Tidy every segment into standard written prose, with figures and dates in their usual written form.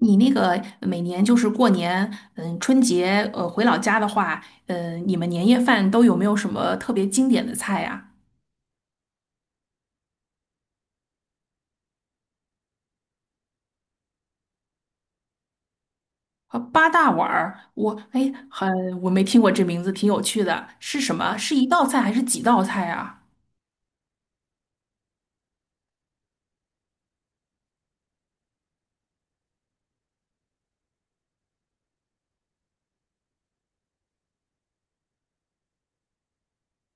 你那个每年就是过年，嗯，春节，回老家的话，嗯，你们年夜饭都有没有什么特别经典的菜呀？啊，八大碗儿，我哎，很，我没听过这名字，挺有趣的，是什么？是一道菜还是几道菜啊？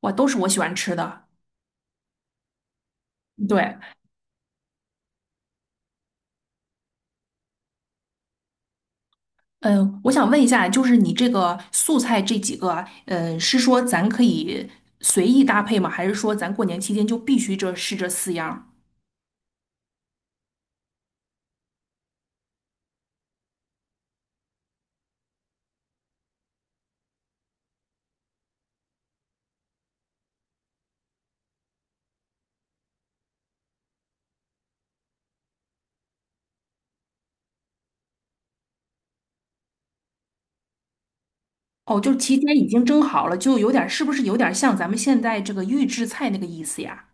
哇，都是我喜欢吃的。对，嗯，我想问一下，就是你这个素菜这几个，嗯，是说咱可以随意搭配吗？还是说咱过年期间就必须这是这四样儿。哦，就是提前已经蒸好了，就有点是不是有点像咱们现在这个预制菜那个意思呀？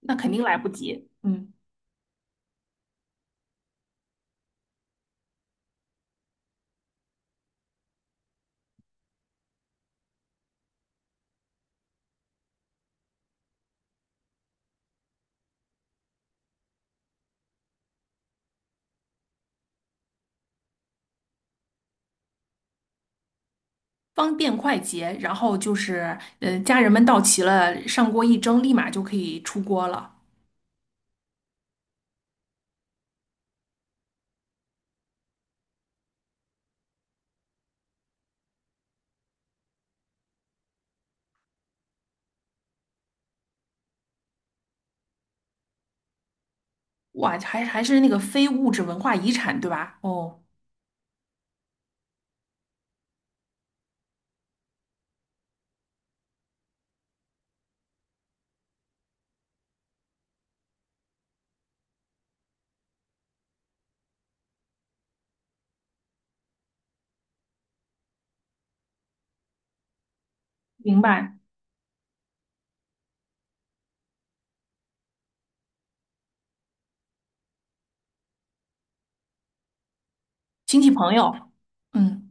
那肯定来不及，嗯，方便快捷，然后就是，家人们到齐了，上锅一蒸，立马就可以出锅了。哇，还是那个非物质文化遗产，对吧？哦，明白，亲戚朋友，嗯。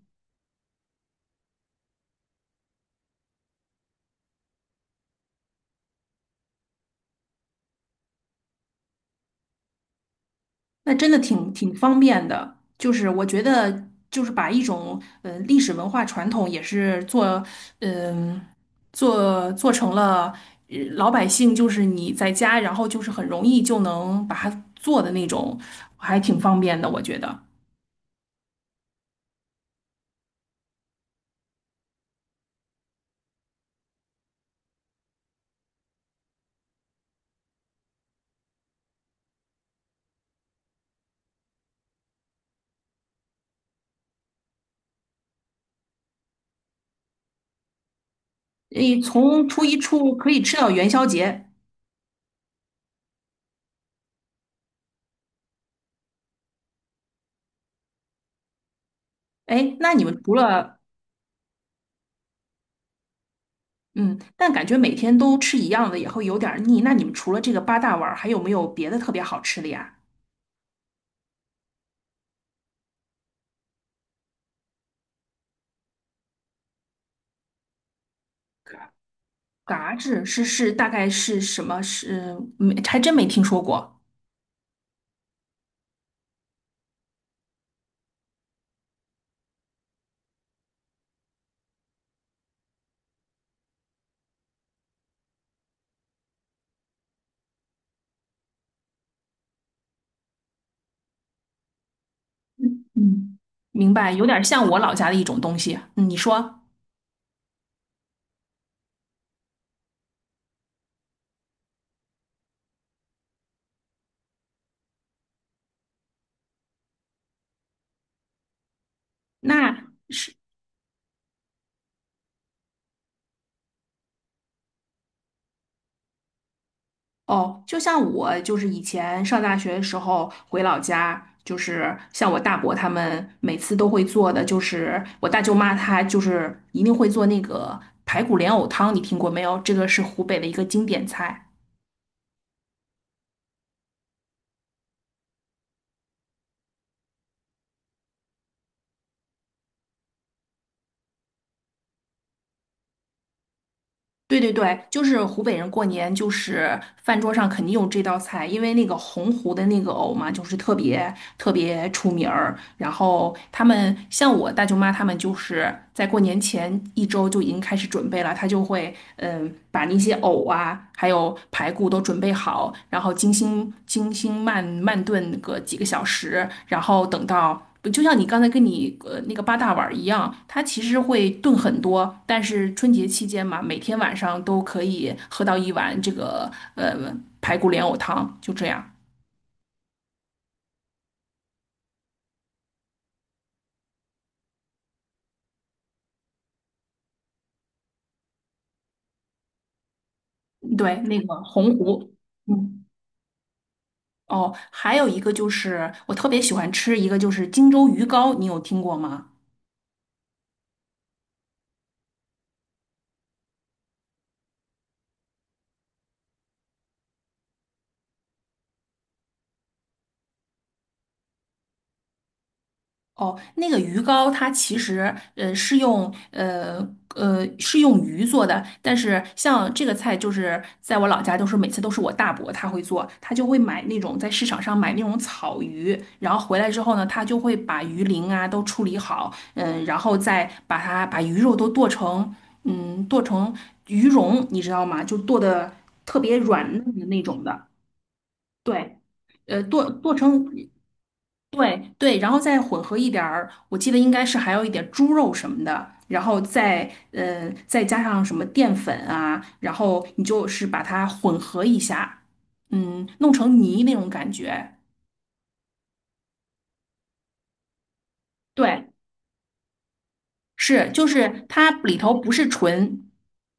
那真的挺方便的，就是我觉得就是把一种历史文化传统也是做，嗯、做成了老百姓就是你在家，然后就是很容易就能把它做的那种，还挺方便的，我觉得。诶，从初一初五可以吃到元宵节。哎，那你们除了，嗯，但感觉每天都吃一样的也会有点儿腻，那你们除了这个八大碗儿还有没有别的特别好吃的呀？嘎吱是大概是什么？是没还真没听说过。嗯，明白，有点像我老家的一种东西。嗯你说，那是。哦，就像我就是以前上大学的时候回老家。就是像我大伯他们每次都会做的，就是我大舅妈她就是一定会做那个排骨莲藕汤，你听过没有？这个是湖北的一个经典菜。对对对，就是湖北人过年，就是饭桌上肯定有这道菜，因为那个洪湖的那个藕嘛，就是特别特别出名儿。然后他们像我大舅妈，他们就是在过年前一周就已经开始准备了，她就会，嗯，把那些藕啊，还有排骨都准备好，然后精心精心慢慢炖个几个小时，然后等到。就像你刚才跟你那个八大碗儿一样，它其实会炖很多，但是春节期间嘛，每天晚上都可以喝到一碗这个，呃排骨莲藕汤，就这样。对，那个洪湖，嗯。哦，还有一个就是我特别喜欢吃一个就是荆州鱼糕，你有听过吗？哦，那个鱼糕它其实呃是用呃呃是用鱼做的，但是像这个菜就是在我老家都是每次都是我大伯他会做，他就会买那种在市场上买那种草鱼，然后回来之后呢，他就会把鱼鳞啊都处理好，嗯，然后再把它把鱼肉都剁成鱼蓉，你知道吗？就剁的特别软嫩的那种的，对。呃，剁剁成对对，然后再混合一点儿，我记得应该是还有一点猪肉什么的，然后再，嗯，再加上什么淀粉啊，然后你就是把它混合一下，嗯，弄成泥那种感觉。对，是就是它里头不是纯，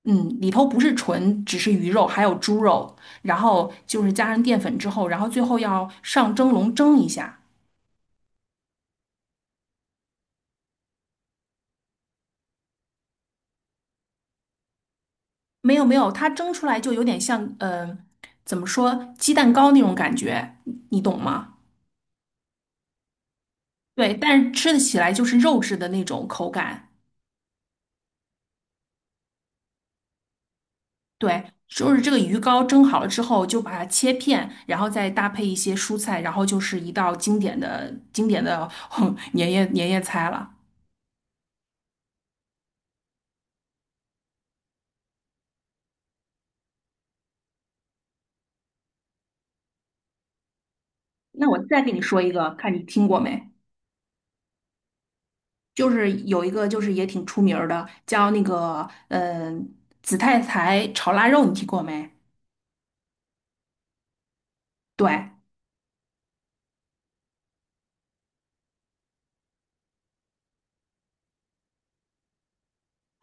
嗯，里头不是纯，只是鱼肉，还有猪肉，然后就是加上淀粉之后，然后最后要上蒸笼蒸一下。没有没有，它蒸出来就有点像，怎么说，鸡蛋糕那种感觉，你懂吗？对，但是吃的起来就是肉质的那种口感。对，就是这个鱼糕蒸好了之后，就把它切片，然后再搭配一些蔬菜，然后就是一道经典的经典的 年夜菜了。那我再给你说一个，看你听过没？就是有一个就是也挺出名儿的，叫那个紫菜苔炒腊肉，你听过没？对。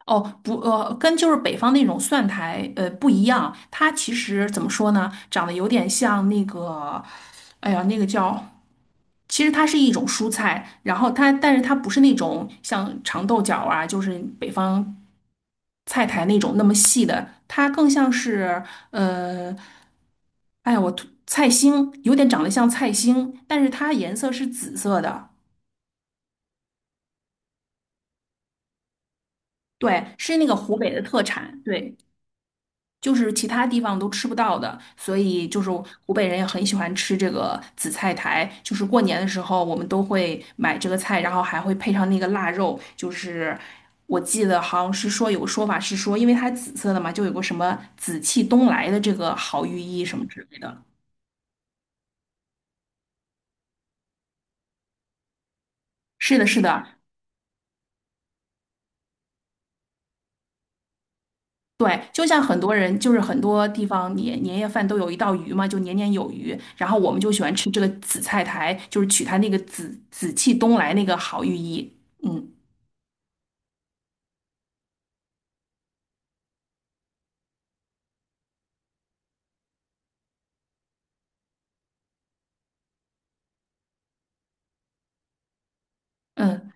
哦，不，跟就是北方那种蒜苔，不一样。它其实怎么说呢，长得有点像那个，哎呀，那个叫，其实它是一种蔬菜，然后它，但是它不是那种像长豆角啊，就是北方菜苔那种那么细的，它更像是，呃，哎呀，我突菜心，有点长得像菜心，但是它颜色是紫色的，对，是那个湖北的特产，对。就是其他地方都吃不到的，所以就是湖北人也很喜欢吃这个紫菜苔，就是过年的时候我们都会买这个菜，然后还会配上那个腊肉，就是我记得好像是说有个说法是说，因为它紫色的嘛，就有个什么紫气东来的这个好寓意什么之类的。是的，是的。对，就像很多人，就是很多地方年年夜饭都有一道鱼嘛，就年年有余。然后我们就喜欢吃这个紫菜苔，就是取它那个紫气东来那个好寓意。嗯。嗯，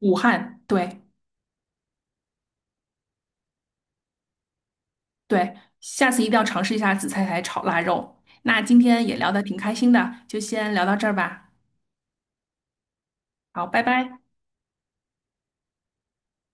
武汉，对。对，下次一定要尝试一下紫菜苔炒腊肉。那今天也聊得挺开心的，就先聊到这儿吧。好，拜拜。